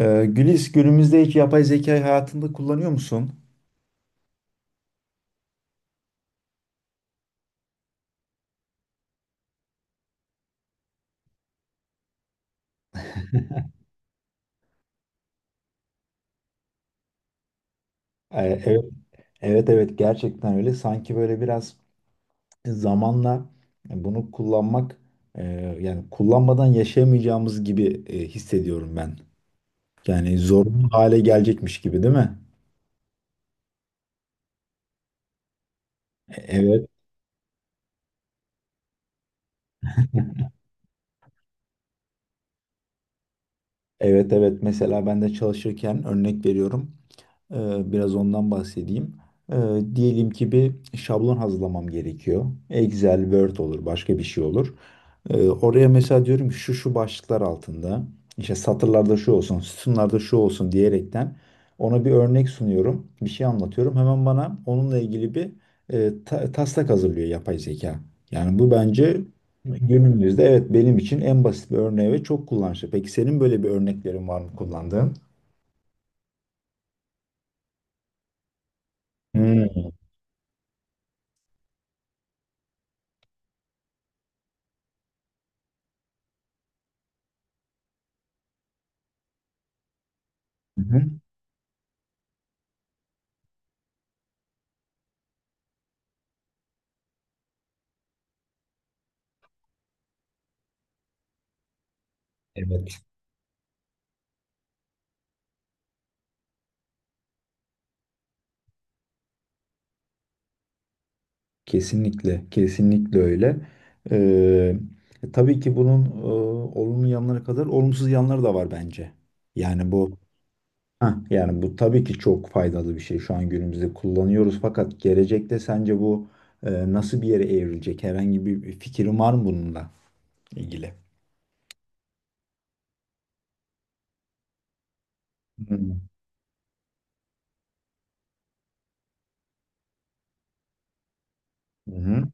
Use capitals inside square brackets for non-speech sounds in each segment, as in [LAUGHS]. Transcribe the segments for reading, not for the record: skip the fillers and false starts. Gülis, günümüzde hiç yapay zekayı hayatında kullanıyor musun? Ee, Evet, evet evet, gerçekten öyle. Sanki böyle biraz zamanla bunu kullanmak e, yani kullanmadan yaşayamayacağımız gibi hissediyorum ben. Yani zorunlu hale gelecekmiş gibi değil mi? Evet, evet evet. Mesela ben de çalışırken örnek veriyorum. Biraz ondan bahsedeyim. Ee, Diyelim ki bir şablon hazırlamam gerekiyor. Excel, Word olur, başka bir şey olur. Oraya mesela diyorum ki şu şu başlıklar altında işte satırlarda şu olsun, sütunlarda şu olsun diyerekten ona bir örnek sunuyorum, bir şey anlatıyorum. Hemen bana onunla ilgili bir taslak hazırlıyor yapay zeka. Yani bu bence günümüzde, evet, benim için en basit bir örneği ve çok kullanışlı. Peki senin böyle bir örneklerin var mı kullandığın? Hmm. Hı hı. Evet. Kesinlikle, kesinlikle öyle. Ee, tabii ki bunun olumlu yanları kadar olumsuz yanları da var bence. Yani bu yani bu tabii ki çok faydalı bir şey. Şu an günümüzde kullanıyoruz, fakat gelecekte sence bu nasıl bir yere evrilecek? Herhangi bir fikrin var mı bununla ilgili? Hı hı.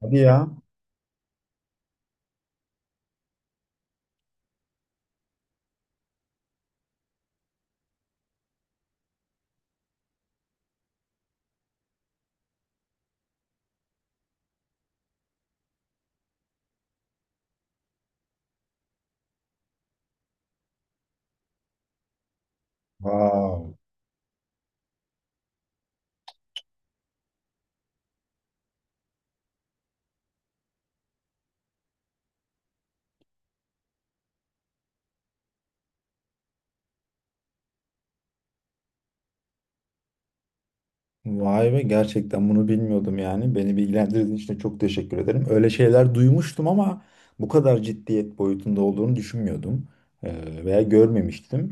Hadi ya. Wow. Vay be, gerçekten bunu bilmiyordum yani. Beni bilgilendirdiğin için de çok teşekkür ederim. Öyle şeyler duymuştum, ama bu kadar ciddiyet boyutunda olduğunu düşünmüyordum veya görmemiştim.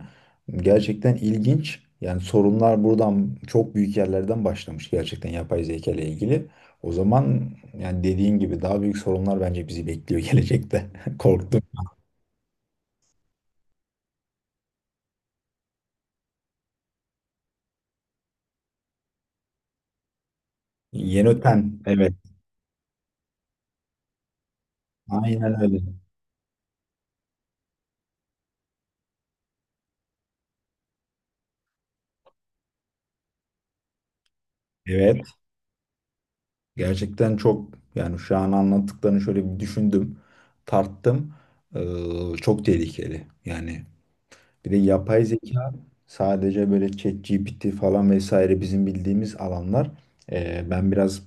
Gerçekten ilginç. Yani sorunlar buradan, çok büyük yerlerden başlamış gerçekten yapay zeka ile ilgili. O zaman yani dediğin gibi daha büyük sorunlar bence bizi bekliyor gelecekte. [LAUGHS] Korktum. Yeni öten. Evet. Aynen öyle. Evet. Gerçekten çok, yani şu an anlattıklarını şöyle bir düşündüm, tarttım. Çok tehlikeli. Yani bir de yapay zeka sadece böyle ChatGPT falan vesaire, bizim bildiğimiz alanlar. Ben biraz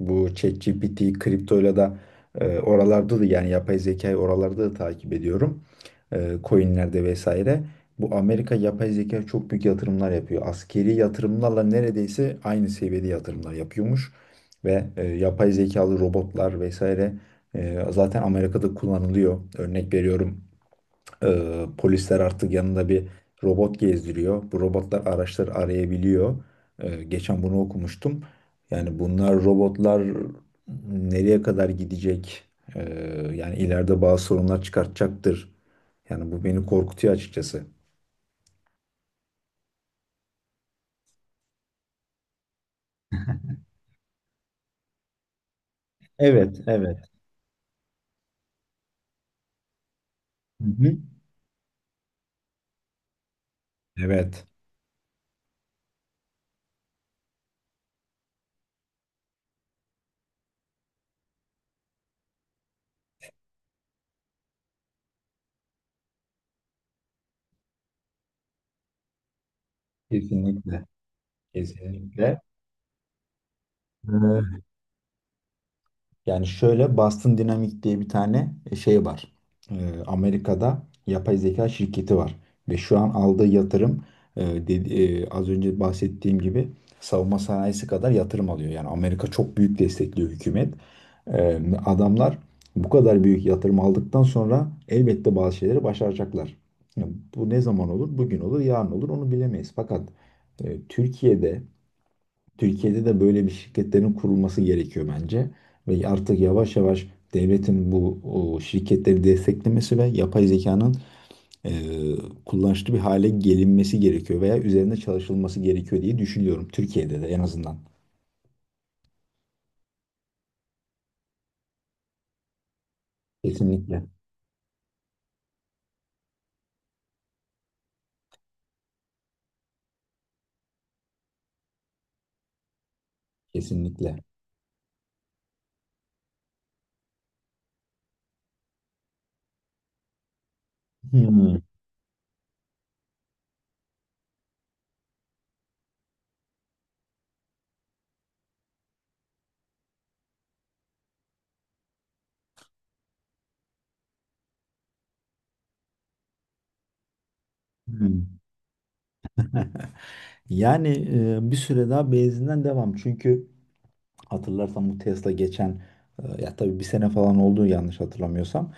bu ChatGPT, kriptoyla da oralarda da, yani yapay zekayı oralarda da takip ediyorum. E, coinlerde vesaire. Bu Amerika yapay zeka çok büyük yatırımlar yapıyor. Askeri yatırımlarla neredeyse aynı seviyede yatırımlar yapıyormuş. Ve yapay zekalı robotlar vesaire zaten Amerika'da kullanılıyor. Örnek veriyorum, polisler artık yanında bir robot gezdiriyor. Bu robotlar araçları arayabiliyor. Geçen bunu okumuştum. Yani bunlar, robotlar nereye kadar gidecek? Ee, Yani ileride bazı sorunlar çıkartacaktır. Yani bu beni korkutuyor açıkçası. Evet, evet. Hı hı. Evet, kesinlikle, kesinlikle. Yani şöyle Boston Dynamics diye bir tane şey var. Amerika'da yapay zeka şirketi var. Ve şu an aldığı yatırım az önce bahsettiğim gibi savunma sanayisi kadar yatırım alıyor. Yani Amerika çok büyük destekliyor, hükümet. Adamlar bu kadar büyük yatırım aldıktan sonra elbette bazı şeyleri başaracaklar. Yani bu ne zaman olur? Bugün olur, yarın olur, onu bilemeyiz. Fakat e, Türkiye'de Türkiye'de de böyle bir şirketlerin kurulması gerekiyor bence. Ve artık yavaş yavaş devletin bu o şirketleri desteklemesi ve yapay zekanın e, kullanışlı bir hale gelinmesi gerekiyor veya üzerinde çalışılması gerekiyor diye düşünüyorum Türkiye'de de en azından. Kesinlikle. Kesinlikle. Hmm. Hmm. Yani bir süre daha benzinden devam. Çünkü hatırlarsan bu Tesla geçen ya tabii bir sene falan oldu yanlış hatırlamıyorsam.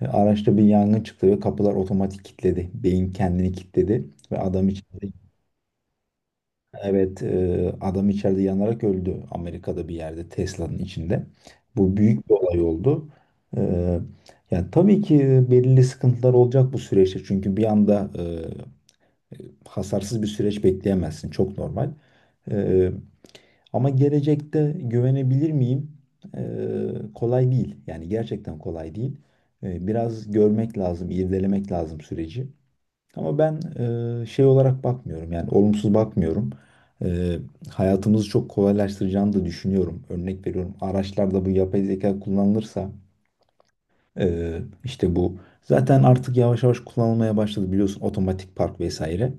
E, araçta bir yangın çıktı ve kapılar otomatik kilitledi. Beyin kendini kilitledi ve adam içeride, evet, adam içeride yanarak öldü Amerika'da bir yerde, Tesla'nın içinde. Bu büyük bir olay oldu. E, Yani tabii ki belirli sıkıntılar olacak bu süreçte, çünkü bir anda hasarsız bir süreç bekleyemezsin. Çok normal. E, Ama gelecekte güvenebilir miyim? Kolay değil. Yani gerçekten kolay değil. Biraz görmek lazım, irdelemek lazım süreci. Ama ben şey olarak bakmıyorum. Yani olumsuz bakmıyorum. Ee, Hayatımızı çok kolaylaştıracağını da düşünüyorum. Örnek veriyorum. Araçlarda bu yapay zeka kullanılırsa e, işte bu zaten artık yavaş yavaş kullanılmaya başladı, biliyorsun, otomatik park vesaire.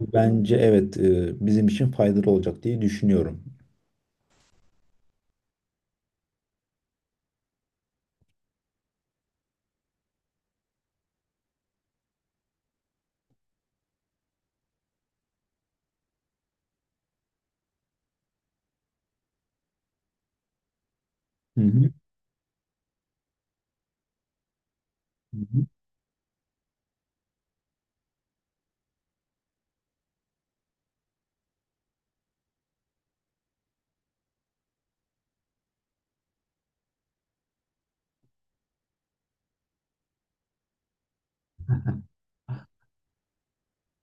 Bence evet, bizim için faydalı olacak diye düşünüyorum. Hı hı. Hı hı.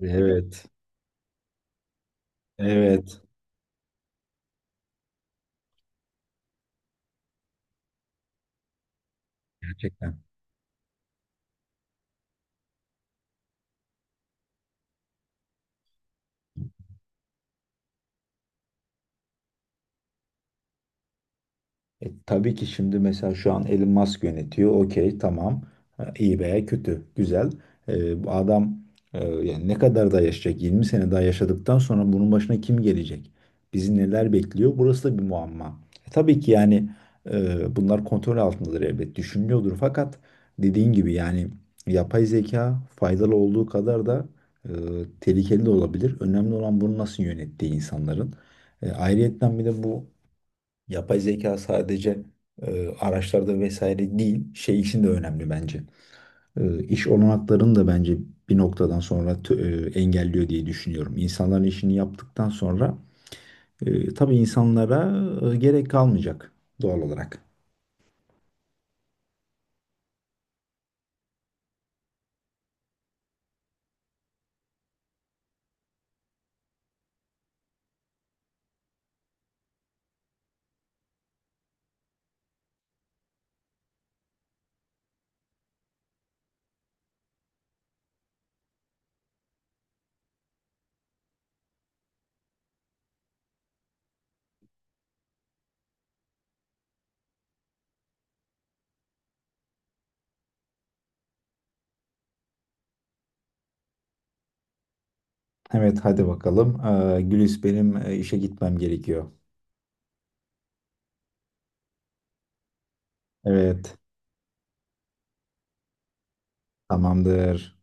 Evet. Evet. Gerçekten. Tabii ki şimdi mesela şu an Elon Musk yönetiyor. Okey, tamam. Ha, İyi veya kötü, güzel. Bu adam yani ne kadar daha yaşayacak? 20 sene daha yaşadıktan sonra bunun başına kim gelecek? Bizi neler bekliyor? Burası da bir muamma. Tabii ki yani bunlar kontrol altındadır elbet. Düşünülüyordur, fakat dediğin gibi yani yapay zeka faydalı olduğu kadar da e, tehlikeli de olabilir. Önemli olan bunu nasıl yönettiği insanların. Ayrıyetten bir de bu yapay zeka sadece araçlarda vesaire değil, şey için de önemli bence. İş olanaklarını da bence bir noktadan sonra engelliyor diye düşünüyorum. İnsanların işini yaptıktan sonra tabii insanlara gerek kalmayacak doğal olarak. Evet, hadi bakalım. E, Gülis, benim işe gitmem gerekiyor. Evet, tamamdır.